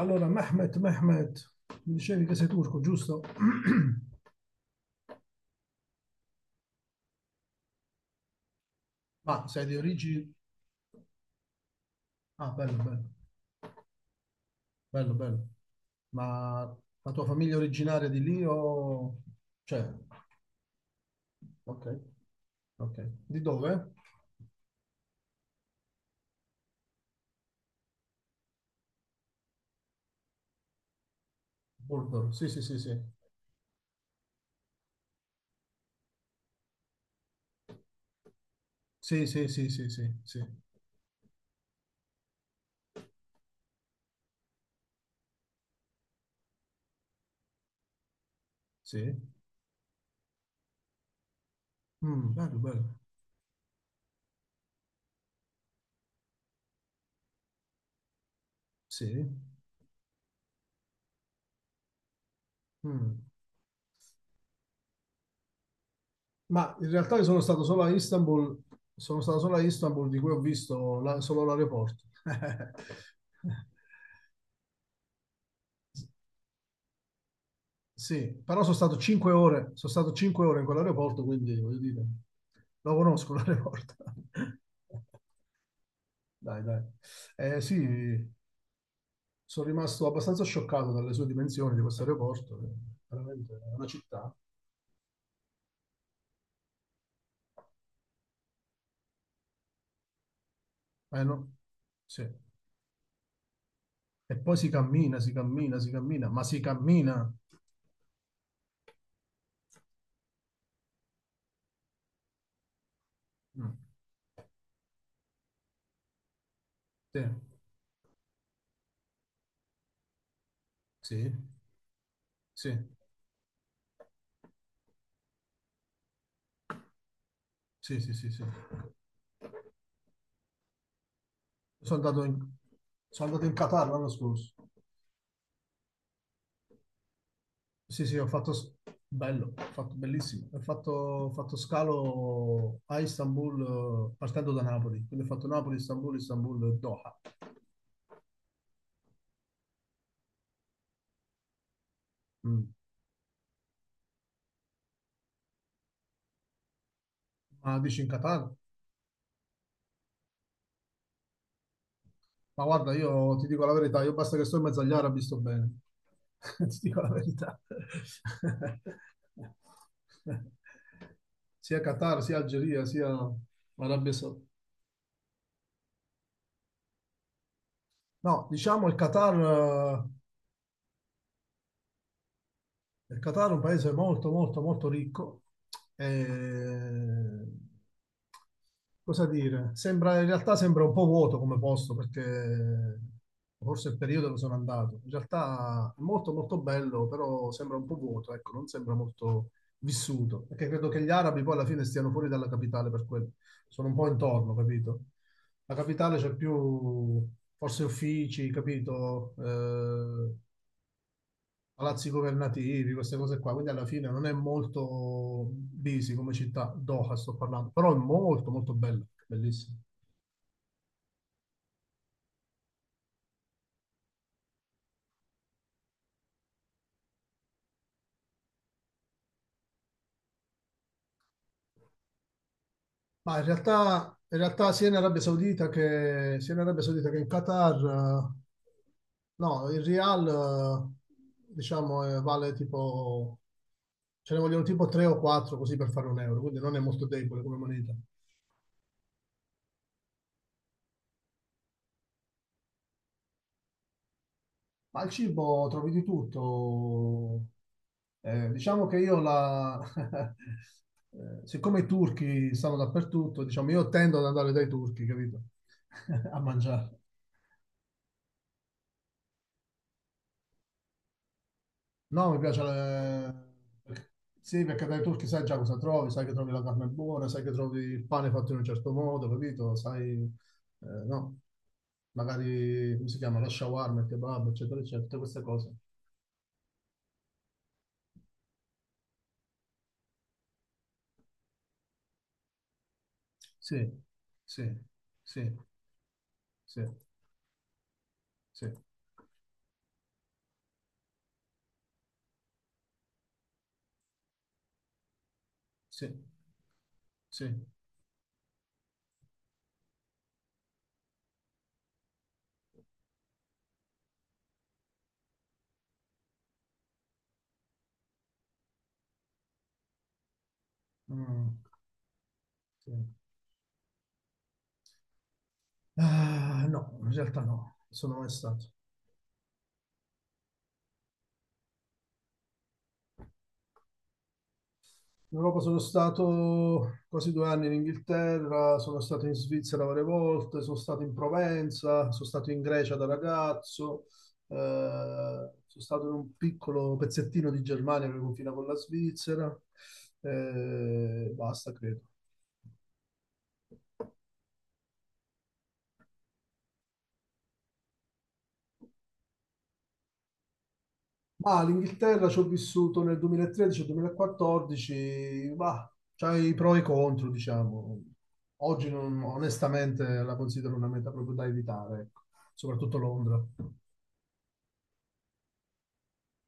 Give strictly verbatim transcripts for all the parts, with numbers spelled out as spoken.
Allora, Mehmet, Mehmet, mi dicevi che sei turco, giusto? Ma sei di origine... Ah, bello, bello, bello, bello. Ma la tua famiglia è originaria di lì o... Cioè, ok, ok. Di dove? Burdur, sì, sì, sì, sì. Sì, sì, sì, sì, sì, sì, sì. Mm, bello, bello, sì. Mm. Ma in realtà io sono stato solo a Istanbul, sono stato solo a Istanbul, di cui ho visto la- solo l'aeroporto. Sì, però sono stato cinque ore, sono stato cinque ore in quell'aeroporto, quindi voglio dire, lo conosco l'aeroporto. Dai, dai. Eh, sì, sono rimasto abbastanza scioccato dalle sue dimensioni di questo aeroporto, eh, veramente è una città. Eh, no? Sì. E poi si cammina, si cammina, si cammina, ma si cammina. Mm. Sì, sì, sì, sì, sì, sì, sì. Sono andato in, Sono andato in Qatar l'anno scorso. Sì, sì, ho fatto s- bello, ho fatto bellissimo. Ho fatto, ho fatto scalo a Istanbul eh, partendo da Napoli, quindi ho fatto Napoli, Istanbul, Istanbul, Doha. Mm. Ma dici in Qatar? Ma guarda, io ti dico la verità, io basta che sto in mezzo agli arabi sto bene. Ti dico la verità. Sia Qatar, sia Algeria, sia Arabia Saudita. No, diciamo il Qatar Il Qatar è un paese molto, molto, molto ricco. E... Cosa dire? Sembra, in realtà sembra un po' vuoto come posto perché forse è il periodo dove sono andato. In realtà è molto, molto bello, però sembra un po' vuoto, ecco, non sembra molto vissuto. Perché credo che gli arabi poi alla fine stiano fuori dalla capitale per quello. Sono un po' intorno, capito? La capitale c'è più forse uffici, capito? Eh, palazzi governativi, queste cose qua, quindi alla fine non è molto busy come città, Doha sto parlando, però è molto molto bella, bellissima. Ma in realtà, in realtà sia in Arabia Saudita che, sia in Arabia Saudita che in Qatar, eh, no, il Real, eh, diciamo, eh, vale tipo, ce ne vogliono tipo tre o quattro così per fare un euro, quindi non è molto debole come moneta. Ma al cibo trovi di tutto. Eh, diciamo che io la, eh, siccome i turchi stanno dappertutto, diciamo, io tendo ad andare dai turchi, capito? A mangiare. No, mi piace... le- Sì, perché dai turchi sai già cosa trovi, sai che trovi la carne buona, sai che trovi il pane fatto in un certo modo, capito? Sai, eh, no, magari, come si chiama, la shawarma, il kebab, eccetera, eccetera, tutte queste cose. Sì, sì, sì, sì, sì, sì, sì. Mm, sì. Ah, no, in realtà no, sono mai stato. In Europa sono stato quasi due anni in Inghilterra, sono stato in Svizzera varie volte, sono stato in Provenza, sono stato in Grecia da ragazzo, eh, sono stato in un piccolo pezzettino di Germania che confina con la Svizzera, eh, basta credo. Ma l'Inghilterra ci ho vissuto nel duemilatredici-duemilaquattordici, ma c'ha i pro e i contro, diciamo. Oggi non- Onestamente la considero una meta proprio da evitare, ecco. Soprattutto Londra.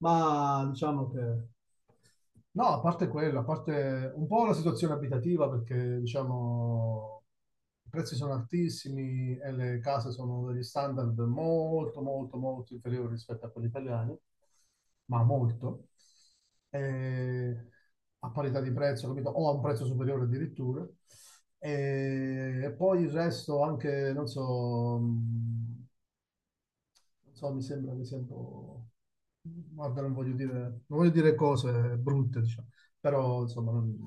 ma diciamo che... No, a parte quello, a parte un po' la situazione abitativa perché diciamo i prezzi sono altissimi e le case sono degli standard molto, molto, molto inferiori rispetto a quelli italiani, ma molto, e a parità di prezzo, capito? O a un prezzo superiore addirittura. E, e poi il resto anche, non so, mh, non so, mi sembra che sia un po'... Guarda, non voglio dire, non voglio dire cose brutte, diciamo, però insomma non,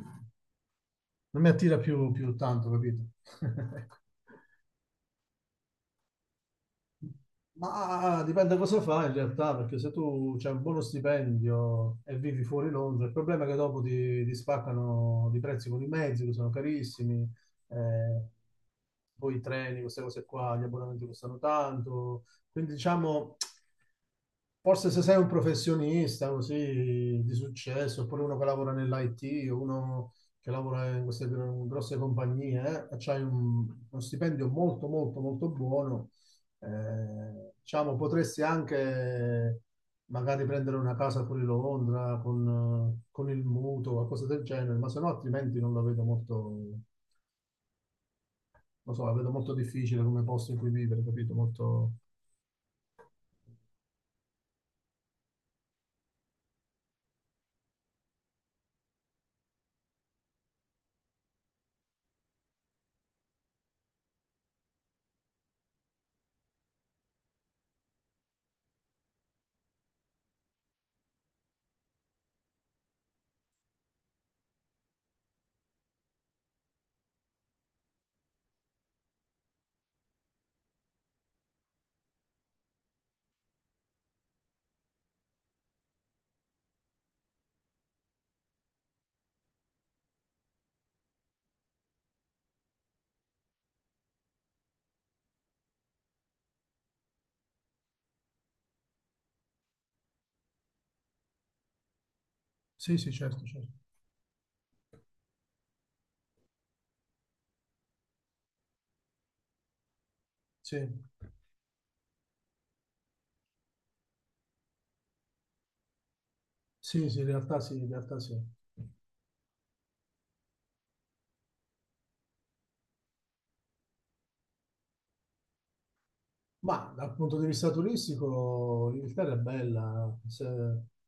non mi attira più, più tanto, capito? Ecco. Ma dipende cosa fai in realtà, perché se tu c'hai un buono stipendio e vivi fuori Londra, il problema è che dopo ti, ti spaccano di prezzi con i mezzi, che sono carissimi, eh, poi i treni, queste cose qua, gli abbonamenti costano tanto, quindi diciamo forse se sei un professionista così di successo, oppure uno che lavora nell'I T, o uno che lavora in queste gr- grosse compagnie, eh, e c'hai un- uno stipendio molto, molto, molto buono, eh, diciamo, potresti anche magari prendere una casa fuori Londra con, eh, con il mutuo, qualcosa del genere, ma se no altrimenti non la vedo molto, non so, la vedo molto difficile come posto in cui vivere, capito? Molto... Sì, sì, certo, certo. Sì, sì, sì, in realtà sì, in realtà sì. Ma dal punto di vista turistico, l'Inghilterra è bella, se,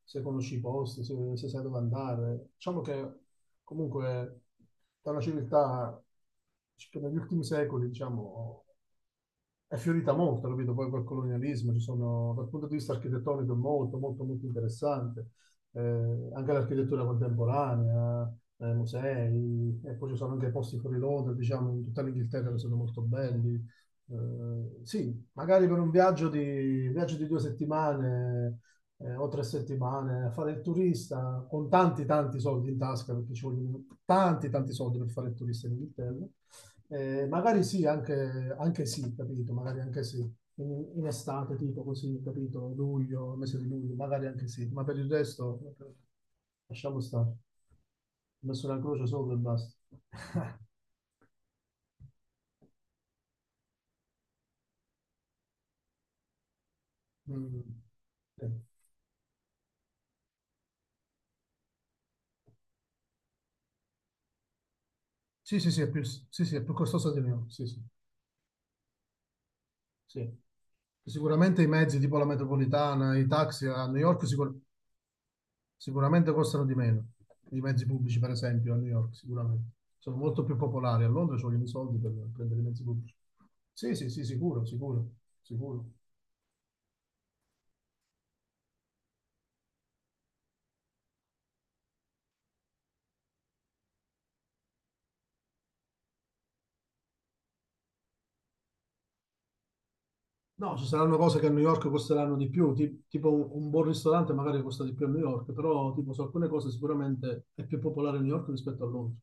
se conosci i posti, se, se sai dove andare. Diciamo che comunque è una civiltà che negli ultimi secoli, diciamo, è fiorita molto, capito? Poi col colonialismo, ci sono, dal punto di vista architettonico, è molto, molto, molto interessante. Eh, anche l'architettura contemporanea, eh, musei, e poi ci sono anche posti fuori Londra, diciamo, in tutta l'Inghilterra che sono molto belli. Eh, sì, magari per un viaggio di, viaggio di due settimane eh, o tre settimane a fare il turista con tanti, tanti soldi in tasca, perché ci vogliono tanti, tanti soldi per fare il turista in Inghilterra. Eh, magari sì, anche, anche sì, capito, magari anche sì. In, in estate, tipo così, capito, luglio, mese di luglio, magari anche sì, ma per il resto eh, lasciamo stare. Ho messo una croce sopra e basta. Mm. Eh. Sì, sì, sì, è più, sì, sì, è più costoso di meno, sì, sì, sì. Sicuramente i mezzi tipo la metropolitana, i taxi a New York, sicur- sicuramente costano di meno. I mezzi pubblici, per esempio, a New York, sicuramente. Sono molto più popolari. A Londra ci vogliono i soldi per prendere i mezzi pubblici. Sì, sì, sì, sicuro, sicuro, sicuro. No, ci saranno cose che a New York costeranno di più, ti- tipo un, un buon ristorante magari costa di più a New York, però tipo su alcune cose sicuramente è più popolare a New York rispetto a Londra.